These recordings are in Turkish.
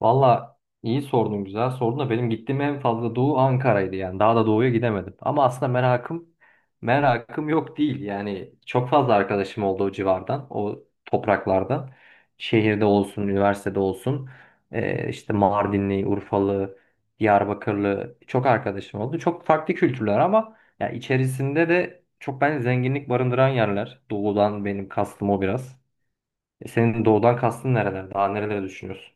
Valla iyi sordun güzel sordun da benim gittiğim en fazla doğu Ankara'ydı yani daha da doğuya gidemedim. Ama aslında merakım yok değil yani çok fazla arkadaşım oldu o civardan o topraklardan. Şehirde olsun üniversitede olsun işte Mardinli, Urfalı, Diyarbakırlı çok arkadaşım oldu. Çok farklı kültürler ama ya içerisinde de çok ben zenginlik barındıran yerler. Doğudan benim kastım o biraz. Senin doğudan kastın nereler? Daha nereleri düşünüyorsun?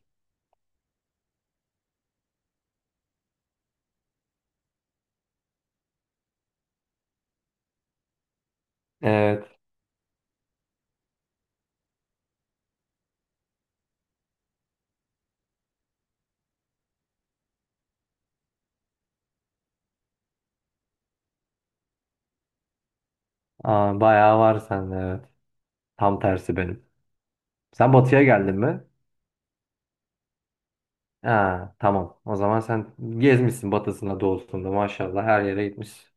Aa, bayağı var sende evet. Tam tersi benim. Sen batıya geldin mi? Ha, tamam. O zaman sen gezmişsin batısında doğusunda maşallah her yere gitmişsin.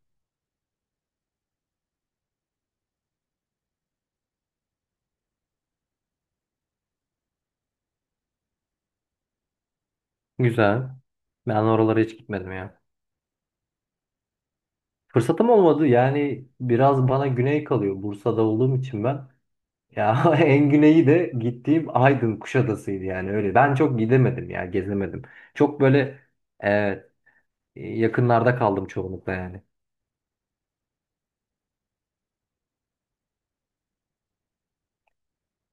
Güzel. Ben oralara hiç gitmedim ya. Fırsatım olmadı yani biraz bana güney kalıyor. Bursa'da olduğum için ben. Ya en güneyi de gittiğim Aydın Kuşadası'ydı yani öyle. Ben çok gidemedim ya gezemedim. Çok böyle e, yakınlarda kaldım çoğunlukla yani.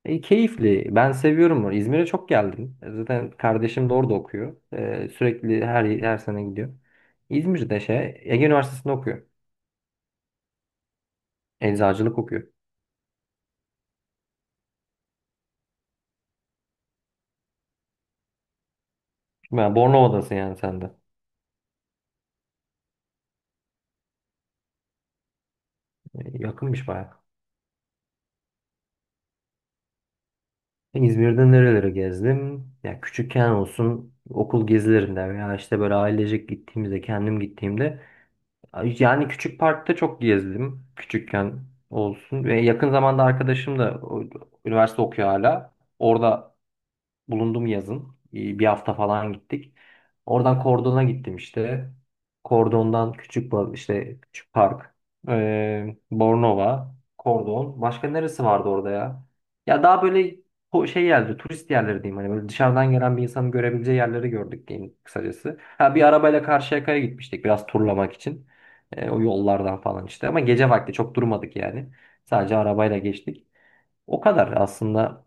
Keyifli. Ben seviyorum onu. İzmir'e çok geldim. Zaten kardeşim de orada okuyor. Sürekli her sene gidiyor. İzmir'de şey Ege Üniversitesi'nde okuyor. Eczacılık okuyor. Yani Bornova'dasın yani sen de. Yakınmış bayağı. İzmir'de nerelere gezdim? Ya küçükken olsun okul gezilerinde veya işte böyle ailecek gittiğimizde, kendim gittiğimde yani küçük parkta çok gezdim. Küçükken olsun ve yakın zamanda arkadaşım da o, üniversite okuyor hala. Orada bulundum yazın. Bir hafta falan gittik. Oradan Kordon'a gittim işte. Kordon'dan işte küçük park. Bornova, Kordon. Başka neresi vardı orada ya? Ya daha böyle o şey geldi, turist yerleri diyeyim hani böyle dışarıdan gelen bir insanın görebileceği yerleri gördük diyeyim kısacası. Ha bir arabayla Karşıyaka'ya gitmiştik biraz turlamak için. O yollardan falan işte ama gece vakti çok durmadık yani. Sadece arabayla geçtik. O kadar aslında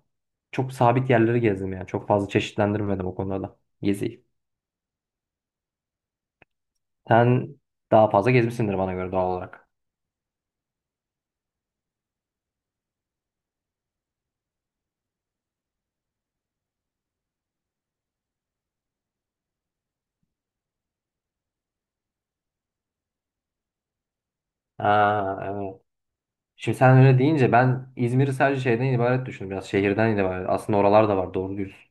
çok sabit yerleri gezdim yani. Çok fazla çeşitlendirmedim o konuda da geziyi. Sen daha fazla gezmişsindir bana göre doğal olarak. Ha, evet. Şimdi sen öyle deyince ben İzmir'i sadece şeyden ibaret düşündüm. Biraz şehirden ibaret. Aslında oralar da var doğru diyorsun.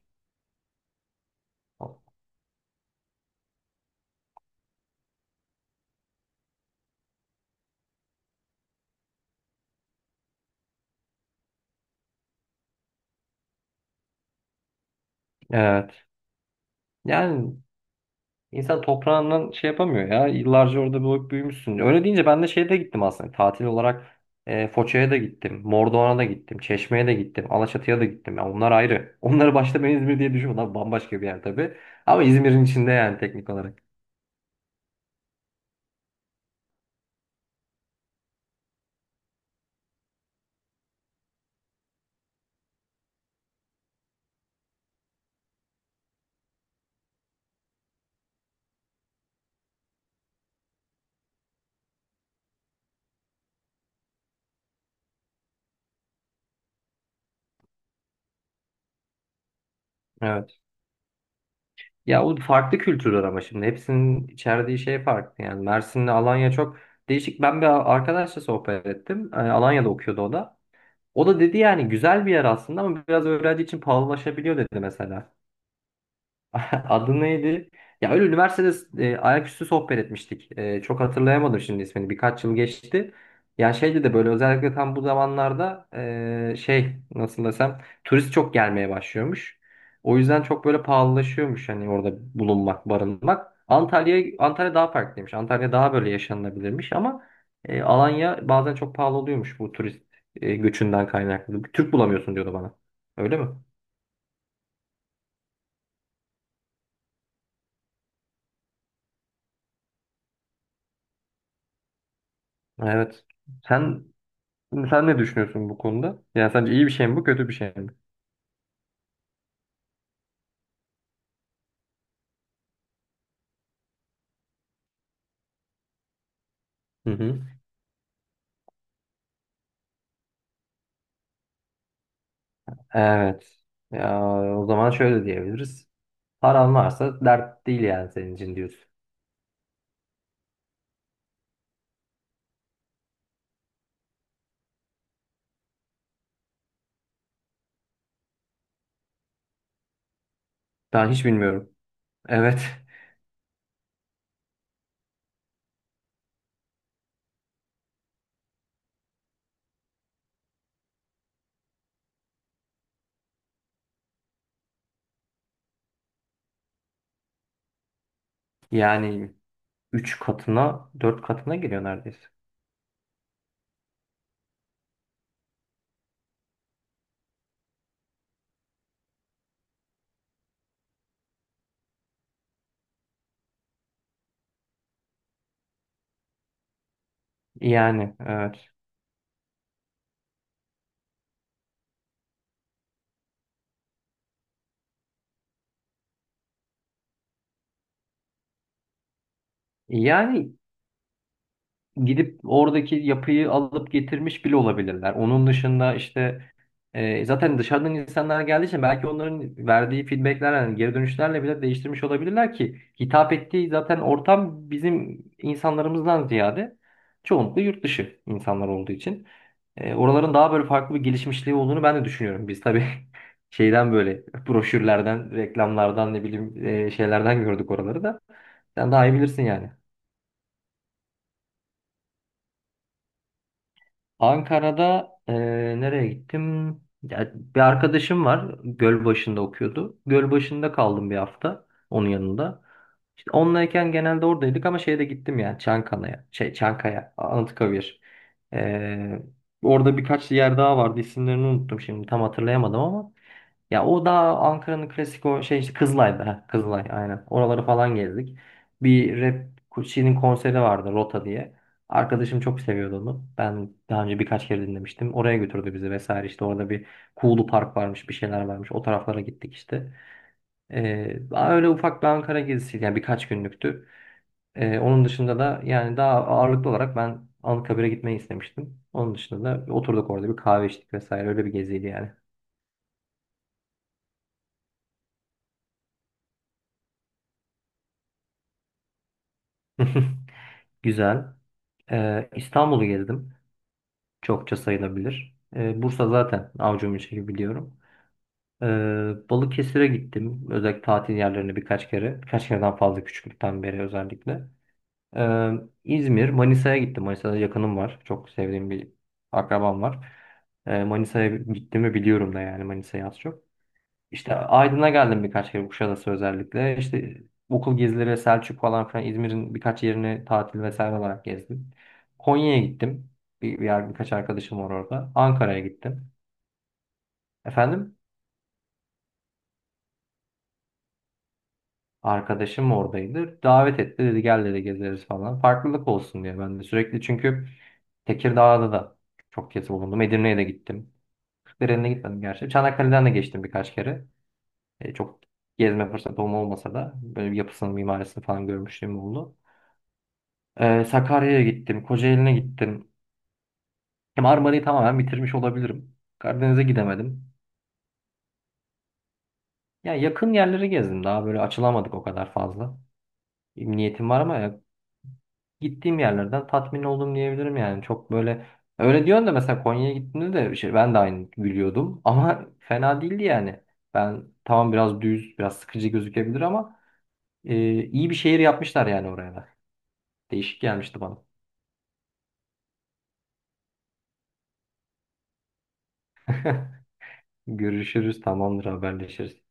Evet. Yani İnsan toprağından şey yapamıyor ya. Yıllarca orada büyük büyümüşsün. Öyle deyince ben de şeye de gittim aslında. Tatil olarak Foça'ya da gittim. Mordoğan'a da gittim. Çeşme'ye de gittim. Alaçatı'ya da gittim. Ya onlar ayrı. Onları başta ben İzmir diye düşünüyorum. Onlar bambaşka bir yer tabii. Ama İzmir'in içinde yani teknik olarak. Evet. Ya o farklı kültürler ama şimdi. Hepsinin içerdiği şey farklı. Yani Mersin'le Alanya çok değişik. Ben bir arkadaşla sohbet ettim. Alanya'da okuyordu o da. O da dedi yani güzel bir yer aslında ama biraz öğrenci için pahalılaşabiliyor dedi mesela. Adı neydi? Ya öyle üniversitede ayaküstü sohbet etmiştik. Çok hatırlayamadım şimdi ismini. Birkaç yıl geçti. Ya şeydi de böyle özellikle tam bu zamanlarda şey nasıl desem turist çok gelmeye başlıyormuş. O yüzden çok böyle pahalılaşıyormuş hani orada bulunmak, barınmak. Antalya daha farklıymış. Antalya daha böyle yaşanılabilirmiş ama Alanya bazen çok pahalı oluyormuş bu turist göçünden kaynaklı. Türk bulamıyorsun diyordu bana. Öyle mi? Evet. Sen Şimdi sen ne düşünüyorsun bu konuda? Yani sence iyi bir şey mi bu, kötü bir şey mi? Hı hı. Evet. Ya, o zaman şöyle diyebiliriz. Paran varsa dert değil yani senin için diyorsun. Ben hiç bilmiyorum. Evet. Yani 3 katına, 4 katına geliyor neredeyse. Yani evet. Yani gidip oradaki yapıyı alıp getirmiş bile olabilirler. Onun dışında işte zaten dışarıdan insanlar geldiği için belki onların verdiği feedbackler yani geri dönüşlerle bile değiştirmiş olabilirler ki hitap ettiği zaten ortam bizim insanlarımızdan ziyade çoğunlukla yurt dışı insanlar olduğu için oraların daha böyle farklı bir gelişmişliği olduğunu ben de düşünüyorum. Biz tabii şeyden böyle broşürlerden, reklamlardan ne bileyim şeylerden gördük oraları da. Sen daha iyi bilirsin yani. Ankara'da nereye gittim? Ya, bir arkadaşım var. Gölbaşı'nda okuyordu. Gölbaşı'nda kaldım bir hafta onun yanında. İşte onlayken genelde oradaydık ama şeye de gittim yani Çankaya'ya. Şey, Çankaya, Anıtkabir. E, Orada birkaç yer daha vardı. İsimlerini unuttum şimdi tam hatırlayamadım ama. Ya o daha Ankara'nın klasik o şey işte Kızılay'da. Kızılay aynen. Oraları falan gezdik. Bir rap şeyinin konseri vardı Rota diye. Arkadaşım çok seviyordu onu. Ben daha önce birkaç kere dinlemiştim. Oraya götürdü bizi vesaire. İşte orada bir Kuğulu Park varmış, bir şeyler varmış. O taraflara gittik işte. Öyle ufak bir Ankara gezisiydi. Yani birkaç günlüktü. Onun dışında da yani daha ağırlıklı olarak ben Anıtkabir'e gitmeyi istemiştim. Onun dışında da oturduk orada bir kahve içtik vesaire. Öyle bir geziydi yani. Güzel. İstanbul'u gezdim. Çokça sayılabilir. Bursa zaten avucumun içi biliyorum. Balıkesir'e gittim. Özellikle tatil yerlerine birkaç kere. Birkaç kereden fazla küçüklükten beri özellikle. Ee, İzmir, Manisa'ya gittim. Manisa'da yakınım var. Çok sevdiğim bir akrabam var. Manisa'ya gittiğimi biliyorum da yani Manisa'yı az çok. İşte Aydın'a geldim birkaç kere Kuşadası özellikle. İşte okul gezileri, Selçuk falan filan İzmir'in birkaç yerini tatil vesaire olarak gezdim. Konya'ya gittim. Bir yer birkaç arkadaşım var orada. Ankara'ya gittim. Efendim? Arkadaşım oradaydı. Davet etti dedi gel dedi gezeriz falan. Farklılık olsun diye ben de sürekli çünkü Tekirdağ'da da çok kez bulundum. Edirne'ye de gittim. Kırklareli'ne gitmedim gerçi. Çanakkale'den de geçtim birkaç kere. Çok gezme fırsatım olmasa da böyle bir yapısını, mimarisini falan görmüşlüğüm oldu. Sakarya'ya gittim, Kocaeli'ne gittim. Ya Marmara'yı tamamen bitirmiş olabilirim. Karadeniz'e gidemedim. Ya yakın yerleri gezdim. Daha böyle açılamadık o kadar fazla. Niyetim var ama ya gittiğim yerlerden tatmin oldum diyebilirim yani. Çok böyle öyle diyorsun da mesela Konya'ya gittiğimde de şey, ben de aynı gülüyordum ama fena değildi yani. Ben tamam biraz düz, biraz sıkıcı gözükebilir ama iyi bir şehir yapmışlar yani oraya da. Değişik gelmişti bana. Görüşürüz, tamamdır, haberleşiriz.